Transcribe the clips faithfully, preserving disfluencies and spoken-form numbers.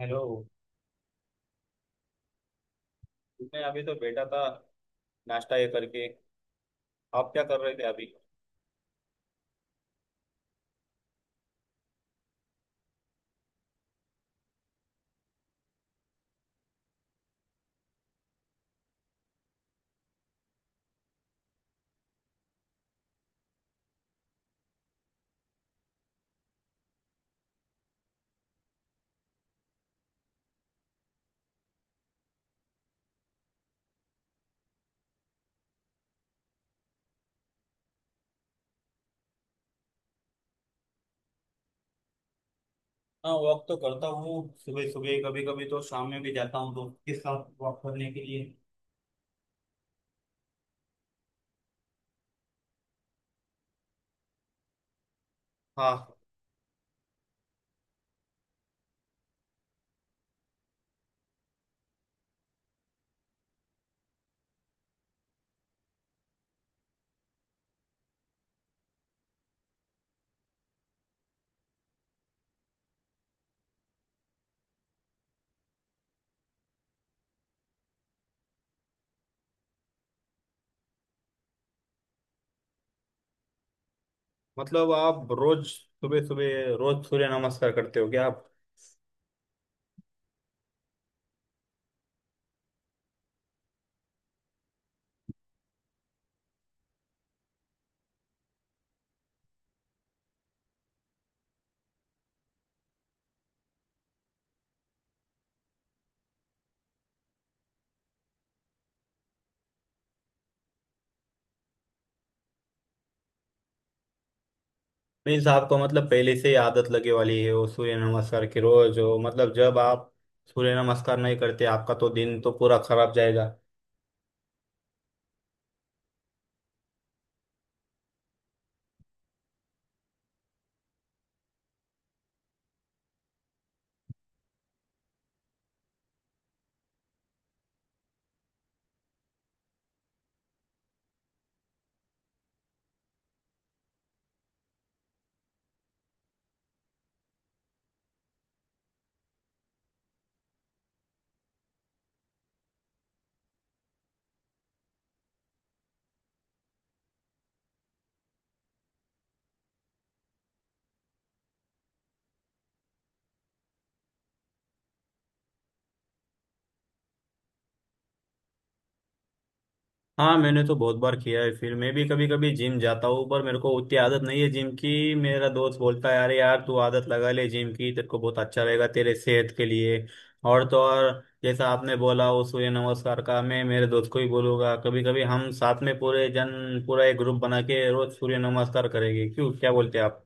Hello. मैं अभी तो बैठा था, नाश्ता ये करके। आप क्या कर रहे थे अभी? हाँ, वॉक तो करता हूँ। सुबह सुबह, कभी कभी तो शाम में भी जाता हूँ दोस्त के साथ वॉक करने के लिए। हाँ मतलब आप रोज सुबह सुबह रोज सूर्य नमस्कार करते हो क्या आप? मीन्स आपको मतलब पहले से ही आदत लगे वाली है वो सूर्य नमस्कार की रोज हो। मतलब जब आप सूर्य नमस्कार नहीं करते आपका तो दिन तो पूरा खराब जाएगा। हाँ, मैंने तो बहुत बार किया है। फिर मैं भी कभी कभी जिम जाता हूँ, पर मेरे को उतनी आदत नहीं है जिम की। मेरा दोस्त बोलता है अरे यार तू आदत लगा ले जिम की, तेरे को बहुत अच्छा रहेगा तेरे सेहत के लिए। और तो और, जैसा आपने बोला वो सूर्य नमस्कार का, मैं मेरे दोस्त को ही बोलूंगा। कभी कभी हम साथ में पूरे जन, पूरा एक ग्रुप बना के रोज सूर्य नमस्कार करेंगे। क्यों, क्या बोलते हैं आप?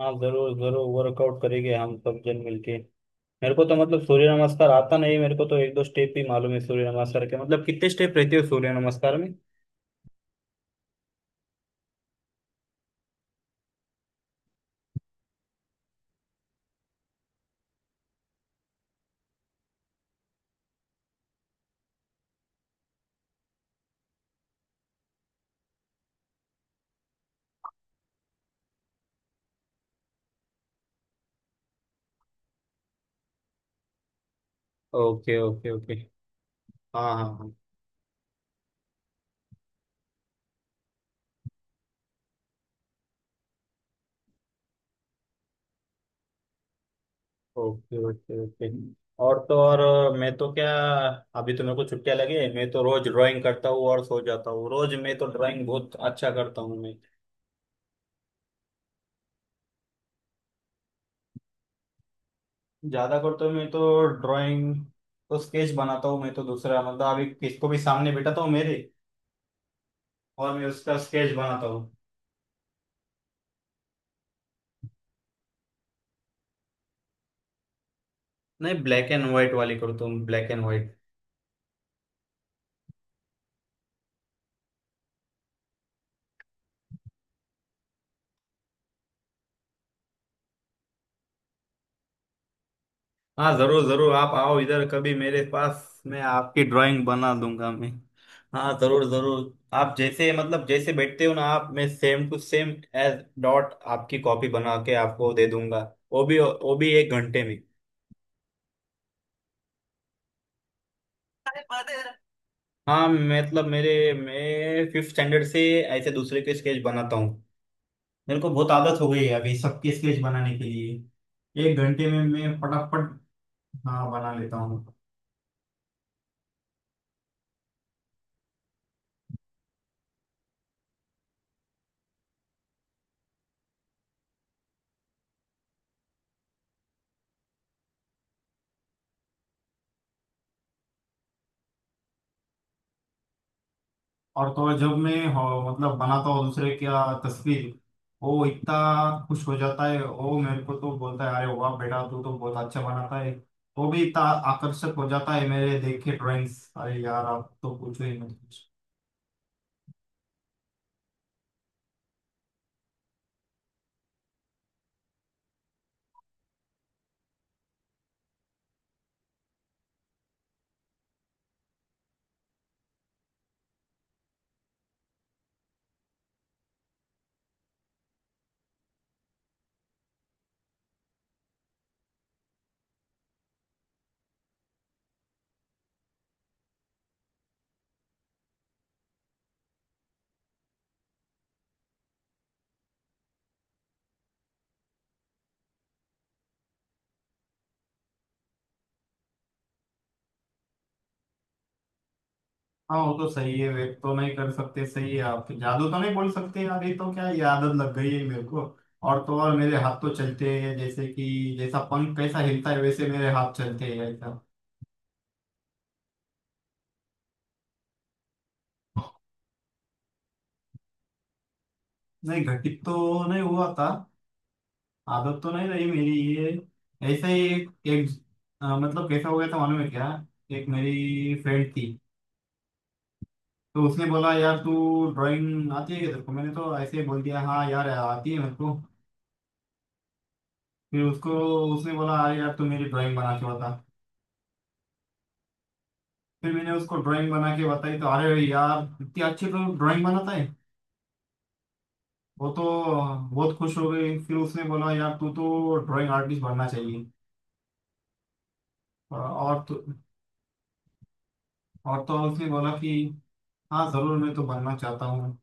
हाँ जरूर जरूर, वर्कआउट करेंगे हम सब जन मिलके। मेरे को तो मतलब सूर्य नमस्कार आता नहीं। मेरे को तो एक दो स्टेप ही मालूम है सूर्य नमस्कार के। मतलब कितने स्टेप रहते हो सूर्य नमस्कार में? Okay okay okay. हाँ हाँ हाँ। Okay okay okay. और तो और, मैं तो क्या, अभी तो मेरे को छुट्टियां लगी है। मैं तो रोज ड्राइंग करता हूँ और सो जाता हूँ। रोज मैं तो ड्राइंग बहुत अच्छा करता हूँ मैं। ज्यादा करता हूँ मैं तो ड्राइंग। तो स्केच बनाता हूँ मैं तो। दूसरा मतलब अभी किसको भी सामने बिठाता हूँ मेरे, और मैं उसका स्केच बनाता हूँ। नहीं, ब्लैक एंड व्हाइट वाली करता हूँ, ब्लैक एंड व्हाइट। हाँ जरूर जरूर, आप आओ इधर कभी मेरे पास, मैं आपकी ड्राइंग बना दूंगा मैं। हाँ जरूर जरूर। आप जैसे मतलब जैसे बैठते हो ना आप, मैं सेम टू सेम एज डॉट आपकी कॉपी बना के आपको दे दूंगा। वो भी, वो भी एक घंटे में। हाँ मतलब मेरे, मैं फिफ्थ स्टैंडर्ड से ऐसे दूसरे के स्केच बनाता हूँ। मेरे को बहुत आदत हो गई है। अभी सबके स्केच बनाने के लिए एक घंटे में मैं फटाफट, हाँ, बना लेता हूँ। और तो जब मैं हो, मतलब बनाता हूँ दूसरे क्या तस्वीर, वो इतना खुश हो जाता है। वो मेरे को तो बोलता है अरे वाह बेटा तू तो बहुत अच्छा बनाता है। वो भी इतना आकर्षक हो जाता है मेरे देख के ड्राइंग्स। अरे यार आप तो पूछो ही मत कुछ। हाँ वो तो सही है, वे तो नहीं कर सकते। सही है, आप जादू तो नहीं बोल सकते यार। ये तो क्या, ये आदत लग गई है मेरे को। और तो और, मेरे हाथ तो चलते हैं जैसे कि जैसा पंख कैसा हिलता है वैसे मेरे हाथ चलते हैं, ऐसा। नहीं, घटित तो नहीं हुआ था। आदत तो नहीं रही मेरी ये। ऐसा ही एक, एक, अ, मतलब कैसा हो गया था मालूम है क्या? एक मेरी फ्रेंड थी। तो उसने बोला यार तू ड्राइंग आती है क्या तेरे को? मैंने तो ऐसे ही बोल दिया हाँ यार आती है मेरे को। फिर उसको, उसने बोला अरे यार तू मेरी ड्राइंग बना के बता। फिर मैंने उसको ड्राइंग बना के बताई तो अरे यार इतनी अच्छी तो ड्राइंग बनाता है। वो तो बहुत खुश हो गई। फिर उसने बोला यार तू तो ड्राइंग आर्टिस्ट बनना चाहिए। और और तो, और तो उसने बोला कि हाँ जरूर मैं तो बनना चाहता हूँ।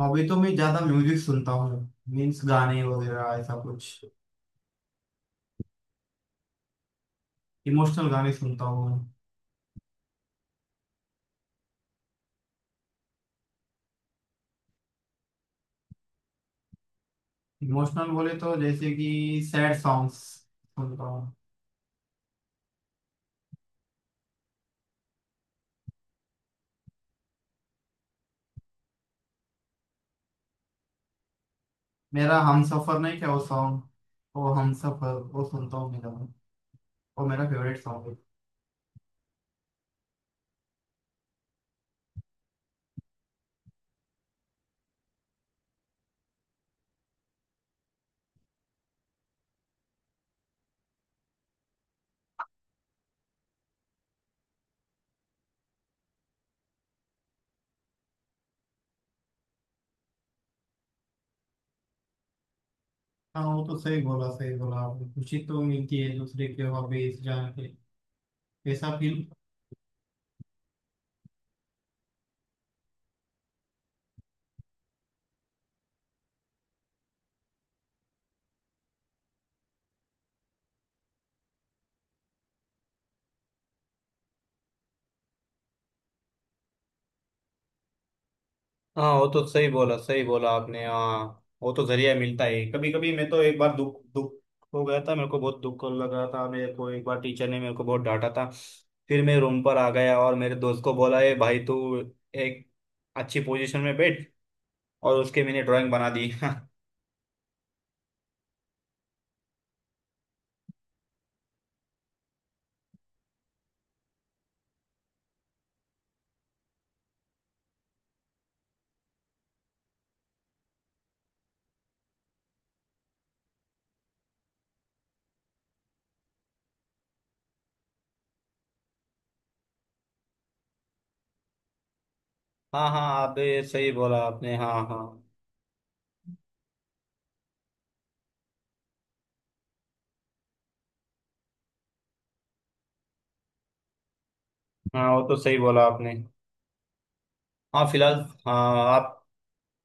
हॉबी तो मैं ज्यादा म्यूजिक सुनता हूँ। मीन्स गाने वगैरह ऐसा कुछ। इमोशनल गाने सुनता हूँ। इमोशनल बोले तो जैसे कि सैड सॉन्ग्स सुनता हूँ। मेरा हम सफर नहीं, क्या वो सॉन्ग? वो हम सफर वो सुनता हूँ मेरा मैं। वो मेरा फेवरेट सॉन्ग है। हाँ वो तो सही बोला सही बोला आपने। खुशी तो मिलती है दूसरे के हॉबीज जान के। ऐसा फील। हाँ वो तो सही बोला सही बोला आपने, हाँ। वो तो जरिया मिलता है। कभी कभी, मैं तो एक बार दुख दुख हो गया था, मेरे को बहुत दुख लग रहा था। मेरे को एक बार टीचर ने मेरे को बहुत डांटा था। फिर मैं रूम पर आ गया और मेरे दोस्त को बोला ए भाई तू एक अच्छी पोजीशन में बैठ, और उसके मैंने ड्राइंग बना दी। हाँ हाँ, आप ये सही बोला आपने, हाँ हाँ। हाँ वो तो सही बोला आपने। हाँ फिलहाल, हाँ आप,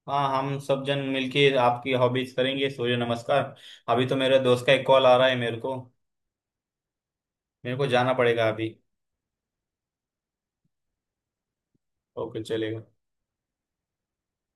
हाँ हम सब जन मिलके आपकी हॉबीज करेंगे, सूर्य नमस्कार। अभी तो मेरे दोस्त का एक कॉल आ रहा है मेरे को। मेरे को जाना पड़ेगा अभी। ओके चलेगा।